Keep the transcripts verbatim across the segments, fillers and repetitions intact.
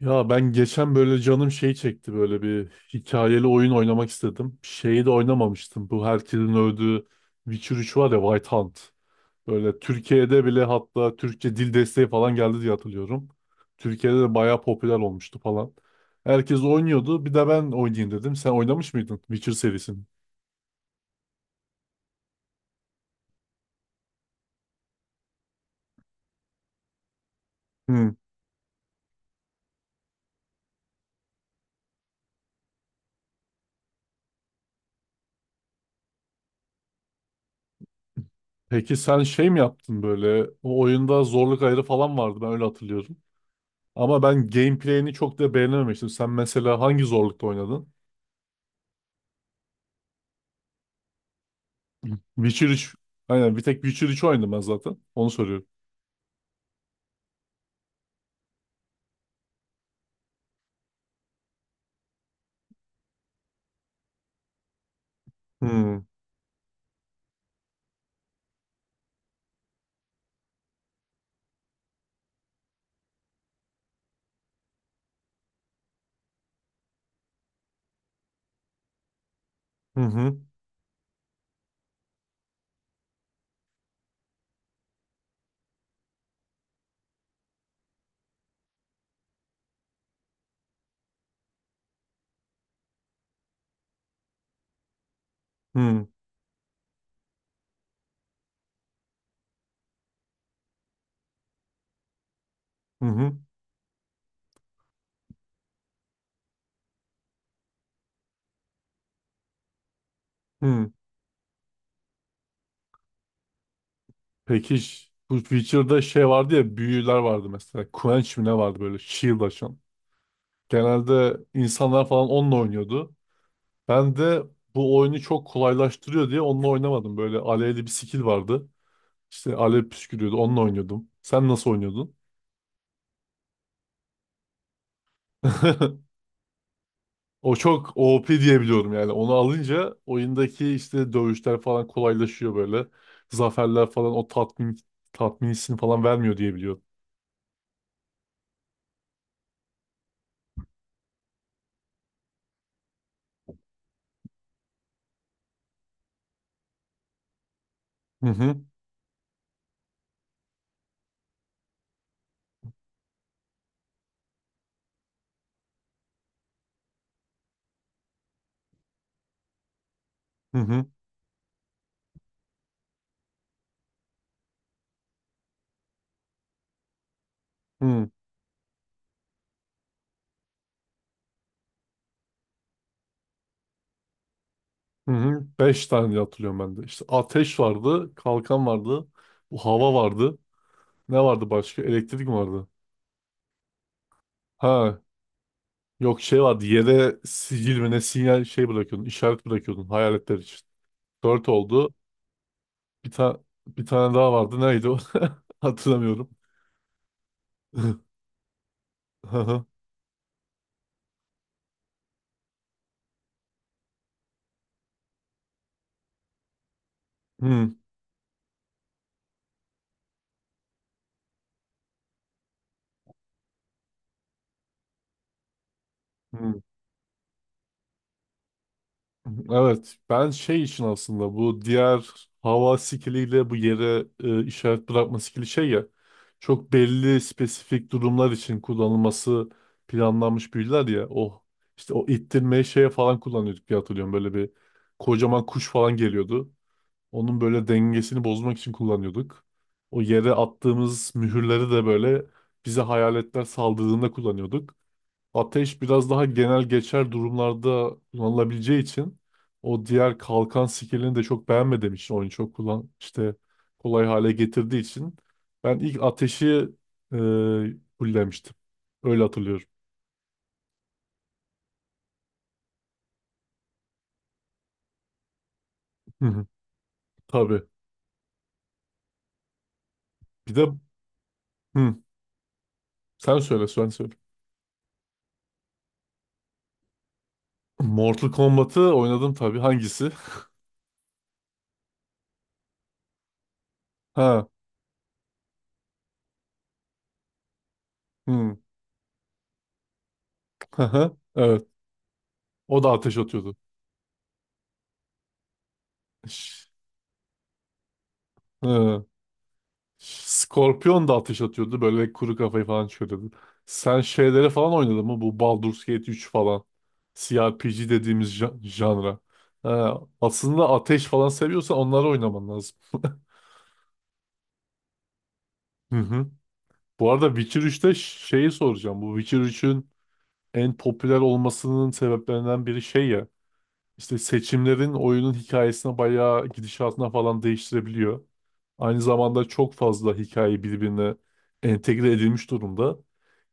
Ya ben geçen böyle canım şey çekti böyle bir hikayeli oyun oynamak istedim. Şeyi de oynamamıştım. Bu herkesin övdüğü Witcher üç var ya, White Hunt. Böyle Türkiye'de bile hatta Türkçe dil desteği falan geldi diye hatırlıyorum. Türkiye'de de bayağı popüler olmuştu falan. Herkes oynuyordu. Bir de ben oynayayım dedim. Sen oynamış mıydın Witcher serisini? Hmm. Peki sen şey mi yaptın böyle? O oyunda zorluk ayarı falan vardı, ben öyle hatırlıyorum. Ama ben gameplay'ini çok da beğenememiştim. Sen mesela hangi zorlukta oynadın? Witcher üç. Aynen, bir tek Witcher üç oynadım ben zaten. Onu soruyorum. Hmm, hı hı. Hı hı. Hı. hı. Peki ş- bu Witcher'da şey vardı ya, büyüler vardı mesela. Quench mi ne vardı, böyle shield açan. Genelde insanlar falan onunla oynuyordu. Ben de bu oyunu çok kolaylaştırıyor diye onunla oynamadım. Böyle alevli bir skill vardı. İşte alev püskürüyordu, onunla oynuyordum. Sen nasıl oynuyordun? O çok O P diye biliyorum yani. Onu alınca oyundaki işte dövüşler falan kolaylaşıyor böyle. Zaferler falan o tatmin tatmin hissini falan vermiyor diye biliyorum. Hı hı, hı hı, hı hı. hı. Beş tane diye hatırlıyorum ben de. İşte ateş vardı, kalkan vardı, bu hava vardı. Ne vardı başka? Elektrik mi vardı? Ha, yok, şey vardı. Yere sicil mi ne sinyal şey bırakıyordun, işaret bırakıyordun hayaletler için. Dört oldu. Bir tane bir tane daha vardı. Neydi o? Hatırlamıyorum. Hmm, hmm. Evet, ben şey için aslında bu diğer hava skiliyle bu yere e, işaret bırakma skili şey ya, çok belli spesifik durumlar için kullanılması planlanmış büyüler ya. O işte, o ittirmeyi şeye falan kullanıyorduk diye hatırlıyorum. Böyle bir kocaman kuş falan geliyordu. Onun böyle dengesini bozmak için kullanıyorduk. O yere attığımız mühürleri de böyle bize hayaletler saldırdığında kullanıyorduk. Ateş biraz daha genel geçer durumlarda kullanılabileceği için, o diğer kalkan skillini de çok beğenmediğim için, oyunu çok kullan işte kolay hale getirdiği için ben ilk ateşi e, fullemiştim. Öyle hatırlıyorum. Hı hı. Tabii. Bir de hı, sen söyle sen söyle. Mortal Kombat'ı oynadım tabii. Hangisi? Ha. Hı. Hı hı. Evet. O da ateş atıyordu. Ş- Hı. Scorpion da ateş atıyordu. Böyle kuru kafayı falan çıkarıyordu. Sen şeylere falan oynadın mı? Bu Baldur's Gate üç falan. C R P G dediğimiz ja- janra. Ha, aslında ateş falan seviyorsan onları oynaman lazım. Hı hı. Bu arada Witcher üçte ş- şeyi soracağım. Bu Witcher üçün en popüler olmasının sebeplerinden biri şey ya. İşte seçimlerin oyunun hikayesine, bayağı gidişatına falan değiştirebiliyor. Aynı zamanda çok fazla hikaye birbirine entegre edilmiş durumda.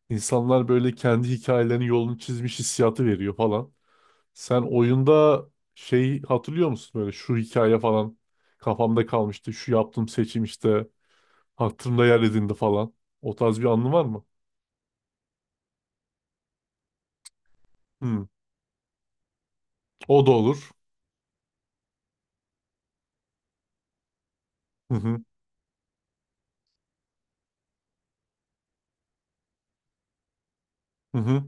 İnsanlar böyle kendi hikayelerinin yolunu çizmiş hissiyatı veriyor falan. Sen oyunda şey hatırlıyor musun, böyle şu hikaye falan kafamda kalmıştı, şu yaptığım seçim işte hatırımda yer edindi falan? O tarz bir anın var mı? Hı. O da olur. Hı hı, hı hı,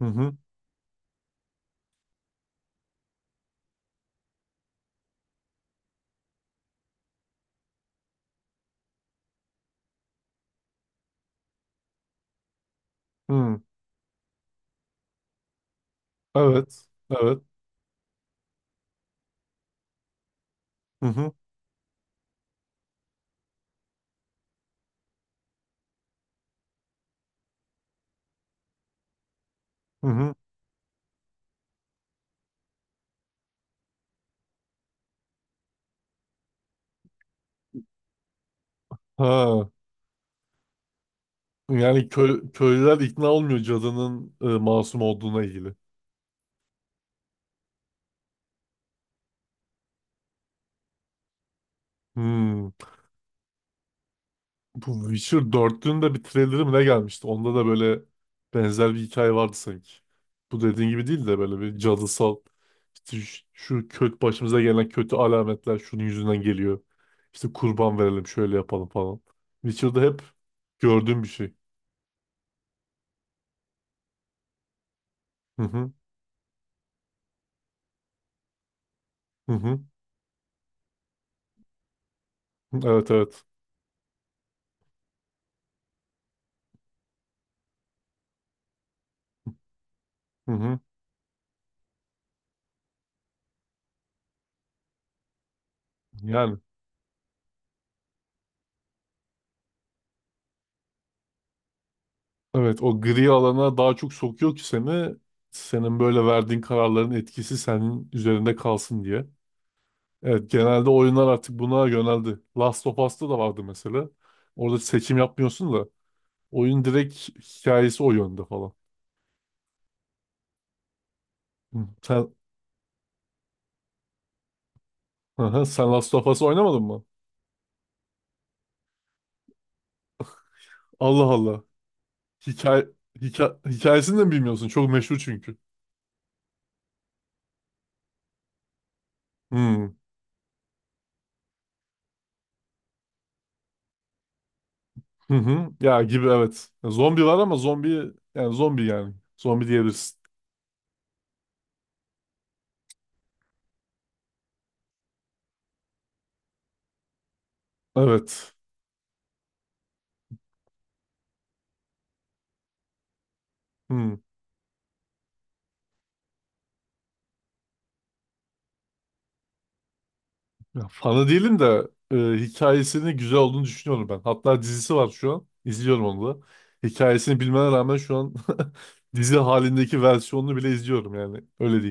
hı hı, hı. hı. Evet. Evet. Hı hı. Hı hı. Ha. Yani köy, köylüler ikna olmuyor cadının e, masum olduğuna ilgili. Hı. Bu Witcher dördün de bir trailerı mı ne gelmişti? Onda da böyle benzer bir hikaye vardı sanki. Bu dediğin gibi değil de böyle bir cadısal işte, şu, şu kötü başımıza gelen kötü alametler şunun yüzünden geliyor. İşte kurban verelim, şöyle yapalım falan. Witcher'da hep gördüğüm bir şey. Hı hı, hı hı. Evet, evet. Hı hı. Yani evet, o gri alana daha çok sokuyor ki seni senin böyle verdiğin kararların etkisi senin üzerinde kalsın diye. Evet, genelde oyunlar artık buna yöneldi. Last of Us'ta da vardı mesela. Orada seçim yapmıyorsun da oyun direkt hikayesi o yönde falan. Hı, Sen, Aha, sen Last of Us oynamadın mı? Allah Allah. Hikaye, hika, hikayesini de mi bilmiyorsun? Çok meşhur çünkü. Hmm. Hı hı. Ya gibi, evet. Ya zombi var, ama zombi yani, zombi yani. Zombi diyebilirsin. Evet. Hmm. Ya, fanı değilim de e, hikayesinin güzel olduğunu düşünüyorum ben. Hatta dizisi var şu an. İzliyorum onu da. Hikayesini bilmene rağmen şu an dizi halindeki versiyonunu bile izliyorum yani. Öyle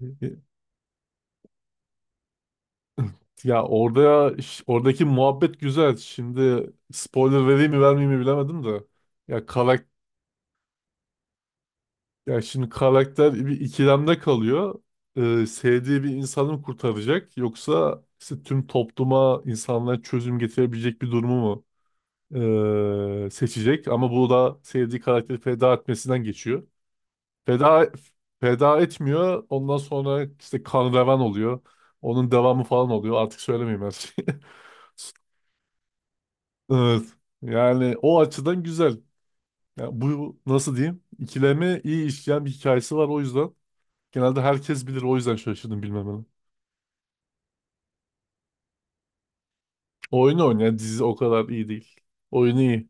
diyeyim. Ya orada ş- oradaki muhabbet güzel. Şimdi spoiler vereyim mi vermeyeyim mi bilemedim de. Ya karak ya şimdi karakter bir ikilemde kalıyor. E, sevdiği bir insanı mı kurtaracak, yoksa işte tüm topluma, insanlara çözüm getirebilecek bir durumu mu e, seçecek? Ama bu da sevdiği karakteri feda etmesinden geçiyor. Feda feda etmiyor. Ondan sonra işte kan revan oluyor. Onun devamı falan oluyor. Artık söylemeyeyim her şeyi. Evet. Yani o açıdan güzel. Yani bu, nasıl diyeyim, İkileme iyi işleyen bir hikayesi var, o yüzden. Genelde herkes bilir, o yüzden şaşırdım bilmemene. Oyunu oynayan dizi o kadar iyi değil. Oyunu iyi.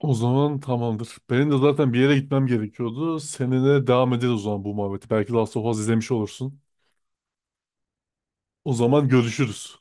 O zaman tamamdır. Benim de zaten bir yere gitmem gerekiyordu. Seninle devam ederiz o zaman bu muhabbeti. Belki Last of Us izlemiş olursun. O zaman görüşürüz.